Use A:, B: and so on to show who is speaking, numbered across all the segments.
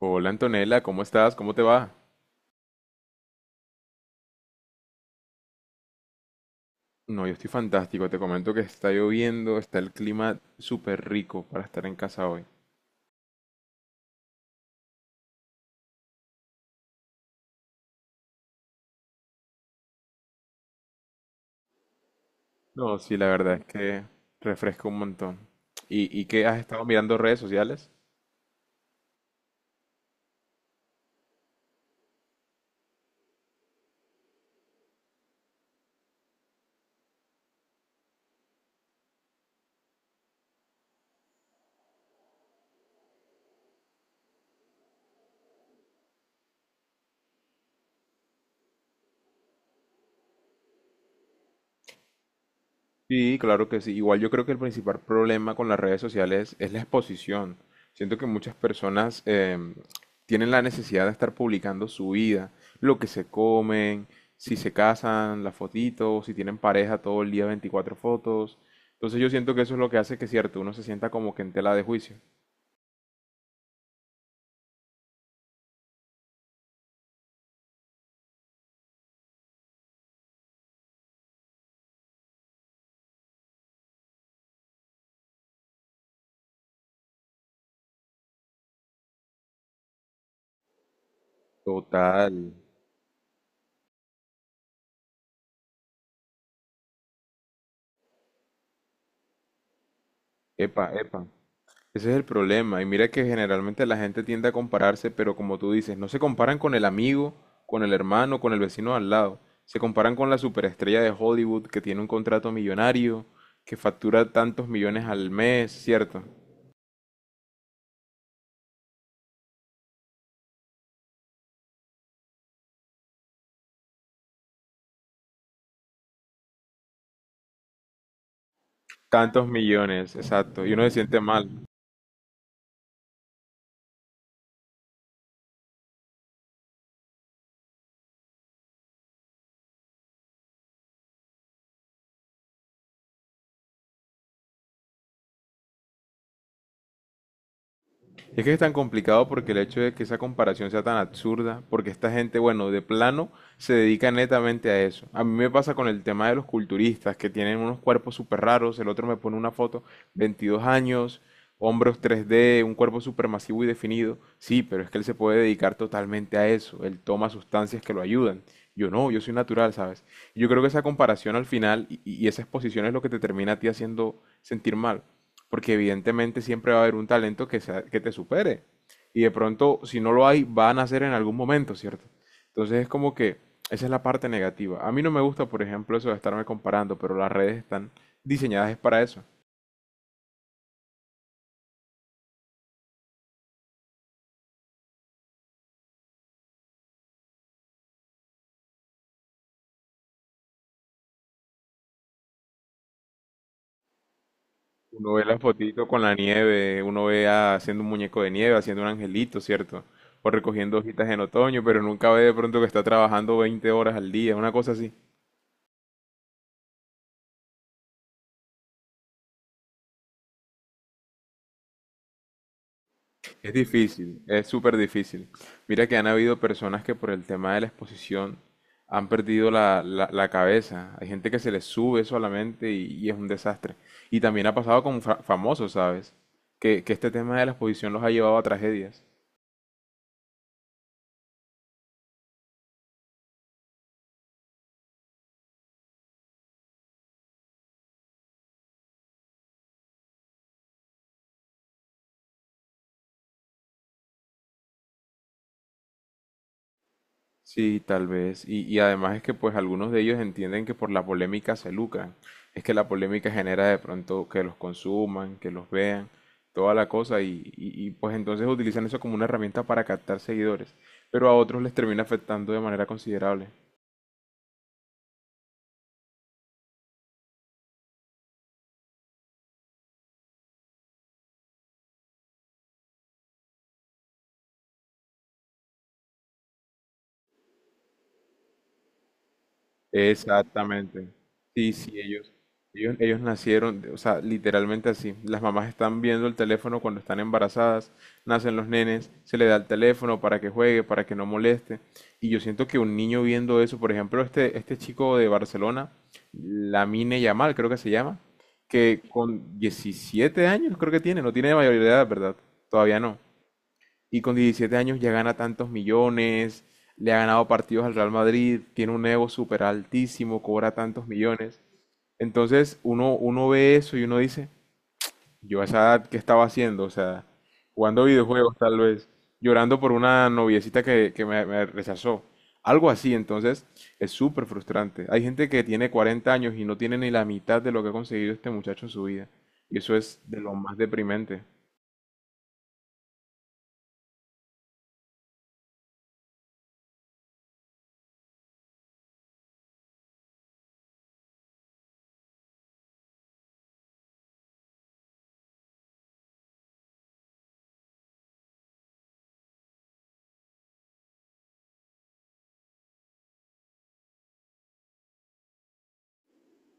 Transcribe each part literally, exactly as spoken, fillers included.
A: Hola Antonella, ¿cómo estás? ¿Cómo te va? No, yo estoy fantástico. Te comento que está lloviendo, está el clima súper rico para estar en casa hoy. No, sí, la verdad es que refresca un montón. ¿Y, y qué has estado mirando redes sociales? Sí, claro que sí. Igual yo creo que el principal problema con las redes sociales es la exposición. Siento que muchas personas em, tienen la necesidad de estar publicando su vida, lo que se comen, si se casan, las fotitos, si tienen pareja todo el día veinticuatro fotos. Entonces yo siento que eso es lo que hace que, cierto, uno se sienta como que en tela de juicio. Total. Epa, epa. Ese es el problema. Y mira que generalmente la gente tiende a compararse, pero como tú dices, no se comparan con el amigo, con el hermano, con el vecino al lado. Se comparan con la superestrella de Hollywood que tiene un contrato millonario, que factura tantos millones al mes, ¿cierto? Tantos millones, exacto. Y uno se siente mal. Es que es tan complicado porque el hecho de que esa comparación sea tan absurda, porque esta gente, bueno, de plano se dedica netamente a eso. A mí me pasa con el tema de los culturistas que tienen unos cuerpos súper raros, el otro me pone una foto, veintidós años, hombros tres D, un cuerpo súper masivo y definido. Sí, pero es que él se puede dedicar totalmente a eso, él toma sustancias que lo ayudan. Yo no, yo soy natural, ¿sabes? Y Yo creo que esa comparación al final y, y esa exposición es lo que te termina a ti haciendo sentir mal porque evidentemente siempre va a haber un talento que, sea- que te supere. Y de pronto, si no lo hay, va a nacer en algún momento, ¿cierto? Entonces es como que esa es la parte negativa. A mí no me gusta, por ejemplo, eso de estarme comparando, pero las redes están diseñadas es para eso. Uno ve las fotitos con la nieve, uno ve a- haciendo un muñeco de nieve, haciendo un angelito, ¿cierto? O recogiendo hojitas en otoño, pero nunca ve de pronto que está trabajando veinte horas al día, una cosa así. Es difícil, es súper difícil. Mira que han habido personas que por el tema de la exposición han perdido la, la- la cabeza. Hay gente que se les sube solamente y, y es un desastre. Y también ha pasado con fa- famosos, ¿sabes? Que, que este tema de la exposición los ha llevado a tragedias. Sí, tal vez. Y, y además es que pues algunos de ellos entienden que por la polémica se lucran. Es que la polémica genera de pronto que los consuman, que los vean, toda la cosa. Y, y- y, pues entonces utilizan eso como una herramienta para captar seguidores. Pero a otros les termina afectando de manera considerable. Exactamente. Sí, sí, ellos, ellos, ellos nacieron, o sea, literalmente así. Las mamás están viendo el teléfono cuando están embarazadas, nacen los nenes, se le da el teléfono para que juegue, para que no moleste. Y yo siento que un niño viendo eso, por ejemplo, este, este chico de Barcelona, Lamine Yamal, creo que se llama, que con diecisiete años creo que tiene, no tiene mayoría de edad, ¿verdad? Todavía no y con diecisiete años ya gana tantos millones, le ha ganado partidos al Real Madrid, tiene un ego súper altísimo, cobra tantos millones. Entonces uno, uno ve eso y uno dice, yo a esa edad, ¿qué estaba haciendo? O sea, jugando videojuegos tal vez, llorando por una noviecita que, que me, me rechazó. Algo así, entonces es súper frustrante. Hay gente que tiene cuarenta años y no tiene ni la mitad de lo que ha conseguido este muchacho en su vida. Y eso es de lo más deprimente.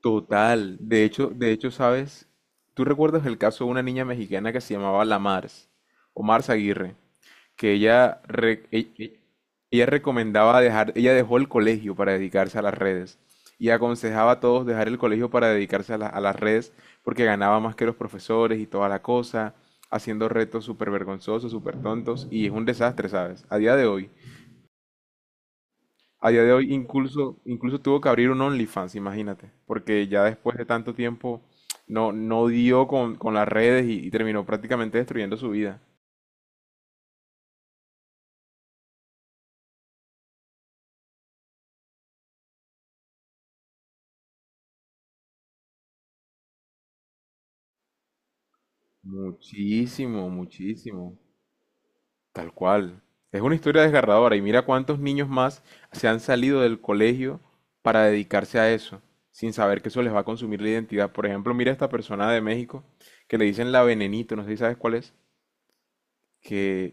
A: Total. De hecho, de hecho, ¿sabes? ¿Tú recuerdas el caso de una niña mexicana que se llamaba La Mars, o Mars Aguirre? Que ella, re- e- e- ella recomendaba dejar, ella dejó el colegio para dedicarse a las redes y aconsejaba a todos dejar el colegio para dedicarse a, la- a las redes porque ganaba más que los profesores y toda la cosa, haciendo retos súper vergonzosos, súper tontos y es un desastre, ¿sabes? A día de hoy. A día de hoy incluso, incluso tuvo que abrir un OnlyFans, imagínate, porque ya después de tanto tiempo no, no dio con, con las redes y, y terminó prácticamente destruyendo su vida. Muchísimo, muchísimo. Tal cual. Es una historia desgarradora y mira cuántos niños más se han salido del colegio para dedicarse a eso, sin saber que eso les va a consumir la identidad. Por ejemplo, mira esta persona de México que le dicen la venenito, no sé si sabes cuál es, que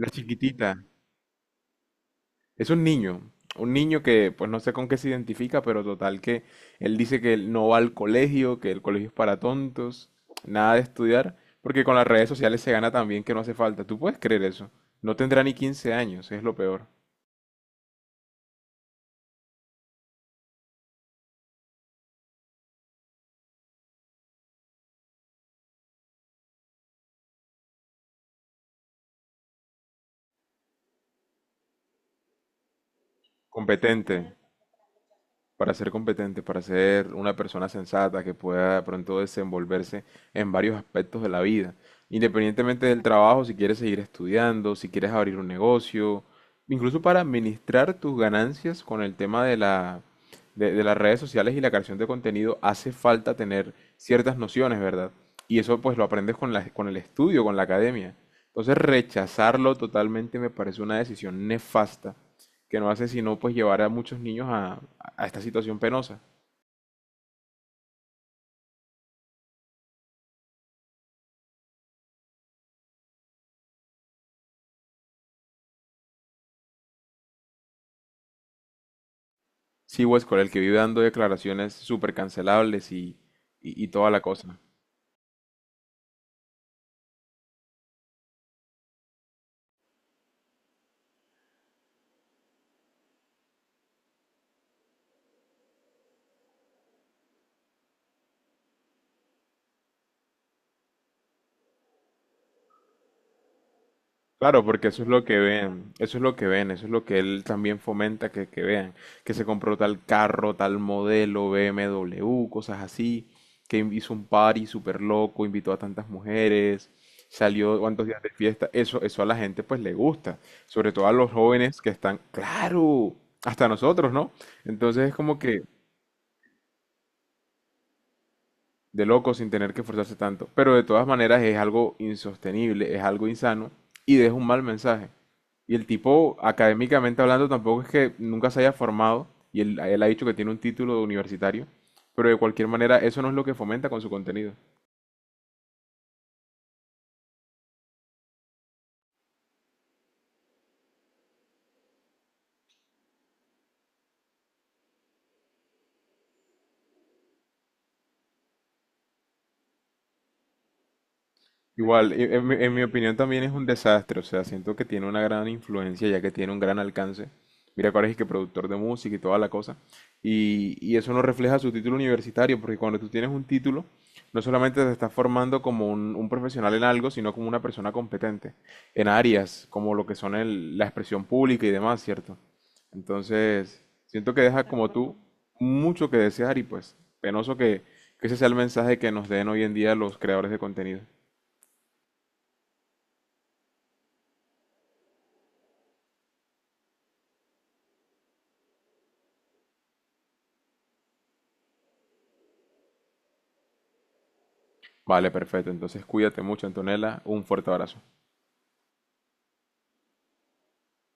A: la chiquitita, Es un niño, un niño que pues no sé con qué se identifica, pero total que él dice que él no va al colegio, que el colegio es para tontos, nada de estudiar, porque con las redes sociales se gana también que no hace falta. ¿Tú puedes creer eso? No tendrá ni quince años, es lo peor. Competente. para ser competente, para ser una persona sensata que pueda de pronto desenvolverse en varios aspectos de la vida. Independientemente del trabajo, si quieres seguir estudiando, si quieres abrir un negocio, incluso para administrar tus ganancias con el tema de la, de, de las redes sociales y la creación de contenido, hace falta tener ciertas nociones, ¿verdad? Y eso pues lo aprendes con la- con el estudio, con la academia. Entonces rechazarlo totalmente me parece una decisión nefasta que no hace sino pues llevar a muchos niños a, a esta situación penosa. Sí, Westcol, el que vive dando declaraciones súper cancelables y, y, y toda la cosa. Claro, porque eso es lo que ven, eso es lo que ven, eso es lo que él también fomenta que, que vean, que se compró tal carro, tal modelo, B M W, cosas así, que hizo un party súper loco, invitó a tantas mujeres, salió cuantos días de fiesta, eso, eso a la gente pues le gusta, sobre todo a los jóvenes que están, claro, hasta nosotros, ¿no? Entonces es como que de loco sin tener que esforzarse tanto. Pero de todas maneras es algo insostenible, es algo insano y deja un mal mensaje. Y el tipo, académicamente hablando, tampoco es que nunca se haya formado y él, él ha dicho que tiene un título universitario, pero de cualquier manera eso no es lo que fomenta con su contenido. Igual, e- en, mi en mi opinión también es un desastre, o sea, siento que tiene una gran influencia ya que tiene un gran alcance. Mira, que ahora es que productor de música y toda la cosa. Y, y eso no refleja su título universitario, porque cuando tú tienes un título, no solamente te estás formando como un, un profesional en algo, sino como una persona competente en áreas como lo que son el- la expresión pública y demás, ¿cierto? Entonces, siento que deja como tú mucho que desear y pues penoso que, que ese sea el mensaje que nos den hoy en día los creadores de contenido. Vale, perfecto. Entonces cuídate mucho, Antonella. Un fuerte abrazo.